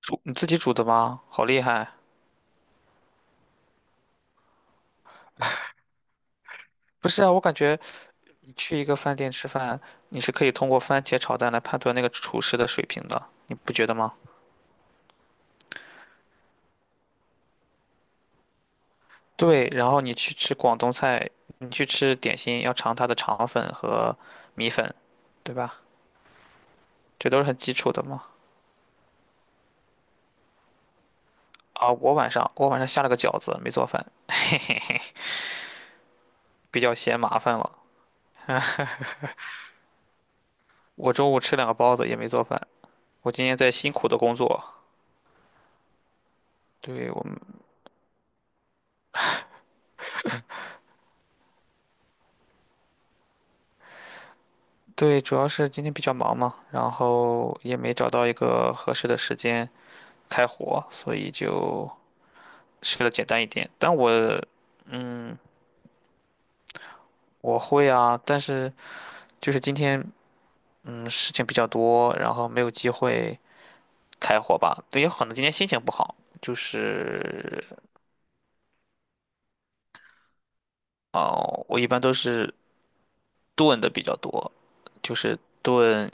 煮你自己煮的吗？好厉害！不是啊，我感觉你去一个饭店吃饭，你是可以通过番茄炒蛋来判断那个厨师的水平的，你不觉得吗？对，然后你去吃广东菜，你去吃点心，要尝它的肠粉和米粉，对吧？这都是很基础的嘛。啊，我晚上下了个饺子，没做饭，嘿嘿嘿，比较嫌麻烦了。我中午吃两个包子也没做饭，我今天在辛苦的工作。对，我们。对，主要是今天比较忙嘛，然后也没找到一个合适的时间开火，所以就吃的简单一点。但我我会啊，但是就是今天事情比较多，然后没有机会开火吧。也有可能今天心情不好，就是哦，我一般都是炖的比较多，就是炖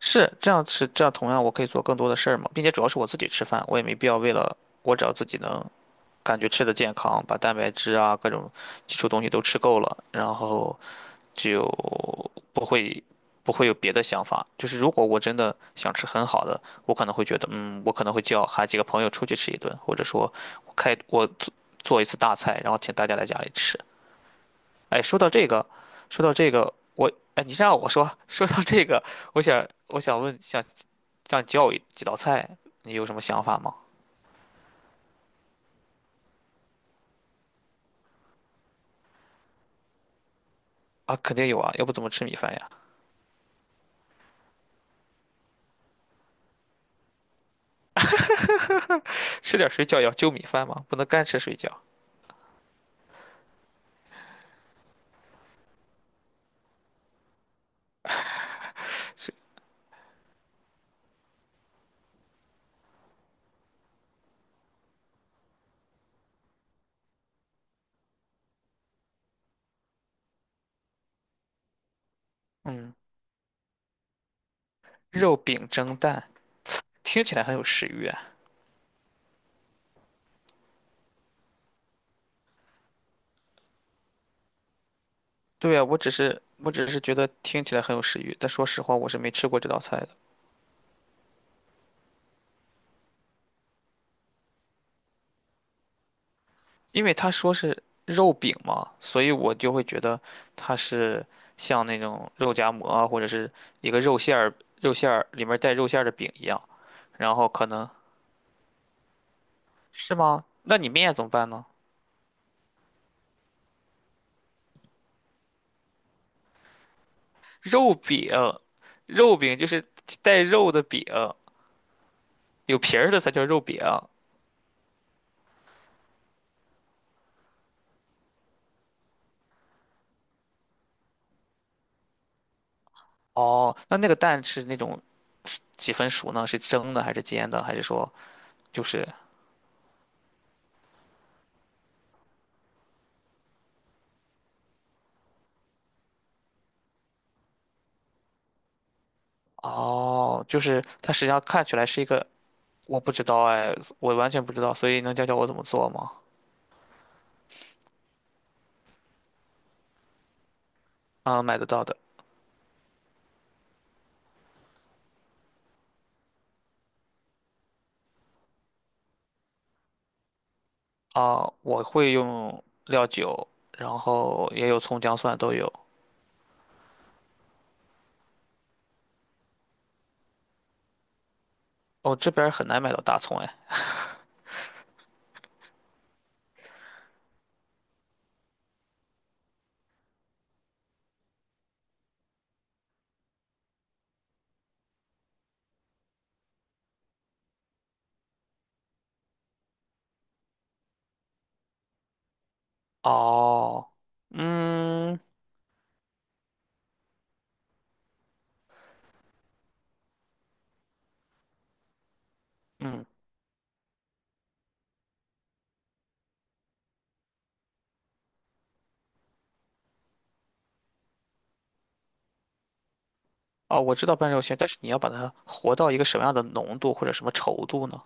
是这样，同样我可以做更多的事儿嘛，并且主要是我自己吃饭，我也没必要为了我只要自己能感觉吃的健康，把蛋白质啊各种基础东西都吃够了，然后就不会不会有别的想法。就是如果我真的想吃很好的，我可能会觉得，嗯，我可能会叫喊几个朋友出去吃一顿，或者说我做一次大菜，然后请大家来家里吃。哎，说到这个，说到这个，我哎，你让我说，说到这个，我想问，想让你教我几道菜，你有什么想法吗？啊，肯定有啊，要不怎么吃米饭呀？吃点水饺也要就米饭吗？不能干吃水饺。嗯，肉饼蒸蛋听起来很有食欲啊。对啊，我只是觉得听起来很有食欲，但说实话我是没吃过这道菜的，因为他说是肉饼嘛，所以我就会觉得它是像那种肉夹馍啊或者是一个肉馅儿里面带肉馅儿的饼一样，然后可能是吗？那你面怎么办呢？肉饼，肉饼就是带肉的饼，有皮儿的才叫肉饼。哦，那那个蛋是那种几分熟呢？是蒸的还是煎的？还是说就是哦，就是它实际上看起来是一个，我不知道哎，我完全不知道，所以能教教我怎么做吗？啊，买得到的啊，我会用料酒，然后也有葱姜蒜都有。哦，这边儿很难买到大葱哎。哦，嗯嗯，哦，我知道半肉馅，但是你要把它和到一个什么样的浓度或者什么稠度呢？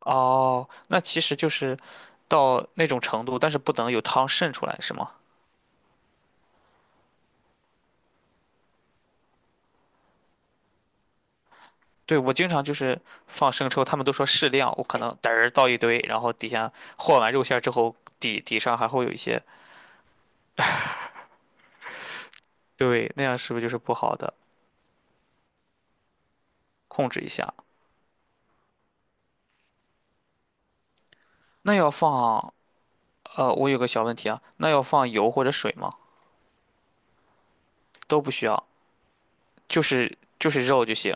哦，那其实就是到那种程度，但是不能有汤渗出来，是吗？对，我经常就是放生抽，他们都说适量，我可能嘚儿倒一堆，然后底下和完肉馅儿之后，底上还会有一些，对，那样是不是就是不好的？控制一下。那要放，我有个小问题啊，那要放油或者水吗？都不需要，就是肉就行。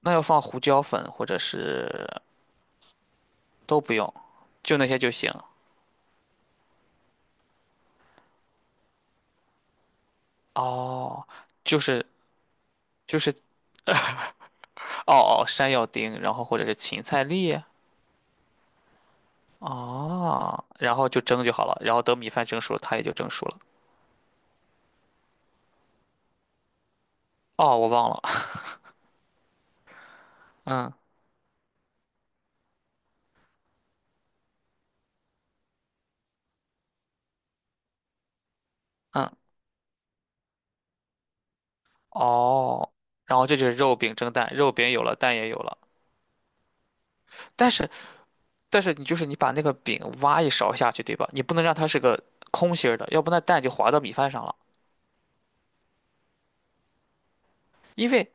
那要放胡椒粉或者是都不用，就那些就行。哦，就是就是哦哦，山药丁，然后或者是芹菜粒，哦，然后就蒸就好了，然后等米饭蒸熟了它也就蒸熟了。哦，我忘了，嗯嗯，哦，然后这就是肉饼蒸蛋，肉饼有了，蛋也有了，但是但是你就是你把那个饼挖一勺下去，对吧？你不能让它是个空心儿的，要不那蛋就滑到米饭上了，因为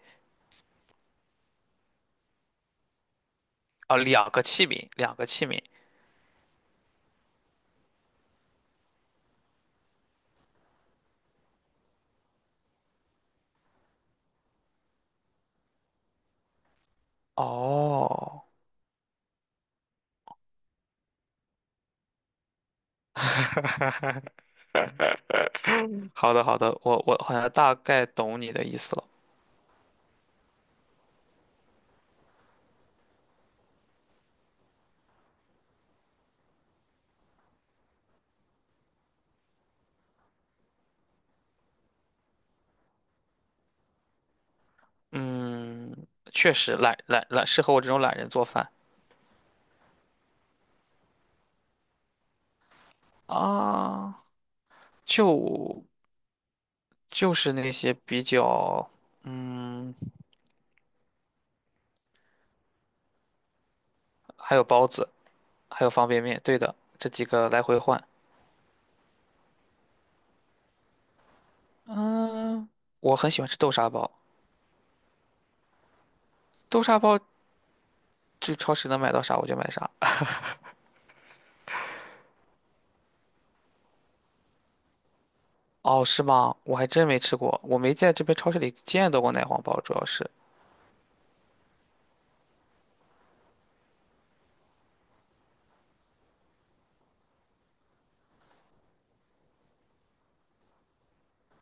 啊、两个器皿，两个器皿。哦，好的，我好像大概懂你的意思了。嗯，确实懒懒懒，适合我这种懒人做饭啊，就就是那些比较，嗯，还有包子，还有方便面，对的，这几个来回换。嗯，我很喜欢吃豆沙包，豆沙包就超市能买到啥我就买啥。哦，是吗？我还真没吃过，我没在这边超市里见到过奶黄包，主要是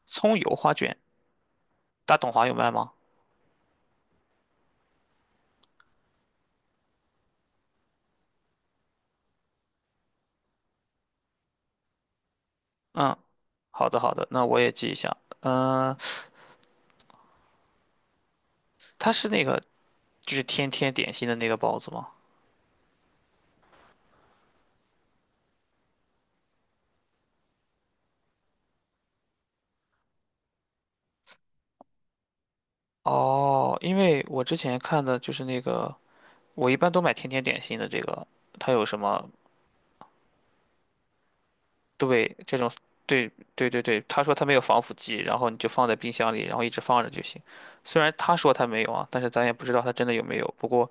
葱油花卷，大董华有卖吗？嗯，好的，那我也记一下。嗯，它是那个。就是天天点心的那个包子吗？哦，因为我之前看的就是那个，我一般都买天天点心的这个，它有什么对这种对对对对，他说他没有防腐剂，然后你就放在冰箱里，然后一直放着就行。虽然他说他没有啊，但是咱也不知道他真的有没有。不过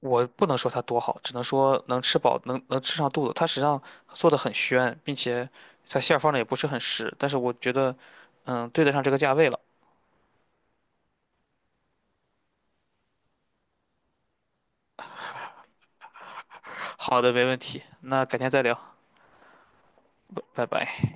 我不能说它多好，只能说能吃饱，能吃上肚子。它实际上做的很宣，并且它馅儿放的也不是很实，但是我觉得，嗯，对得上这个价位了。好的，没问题，那改天再聊。拜拜。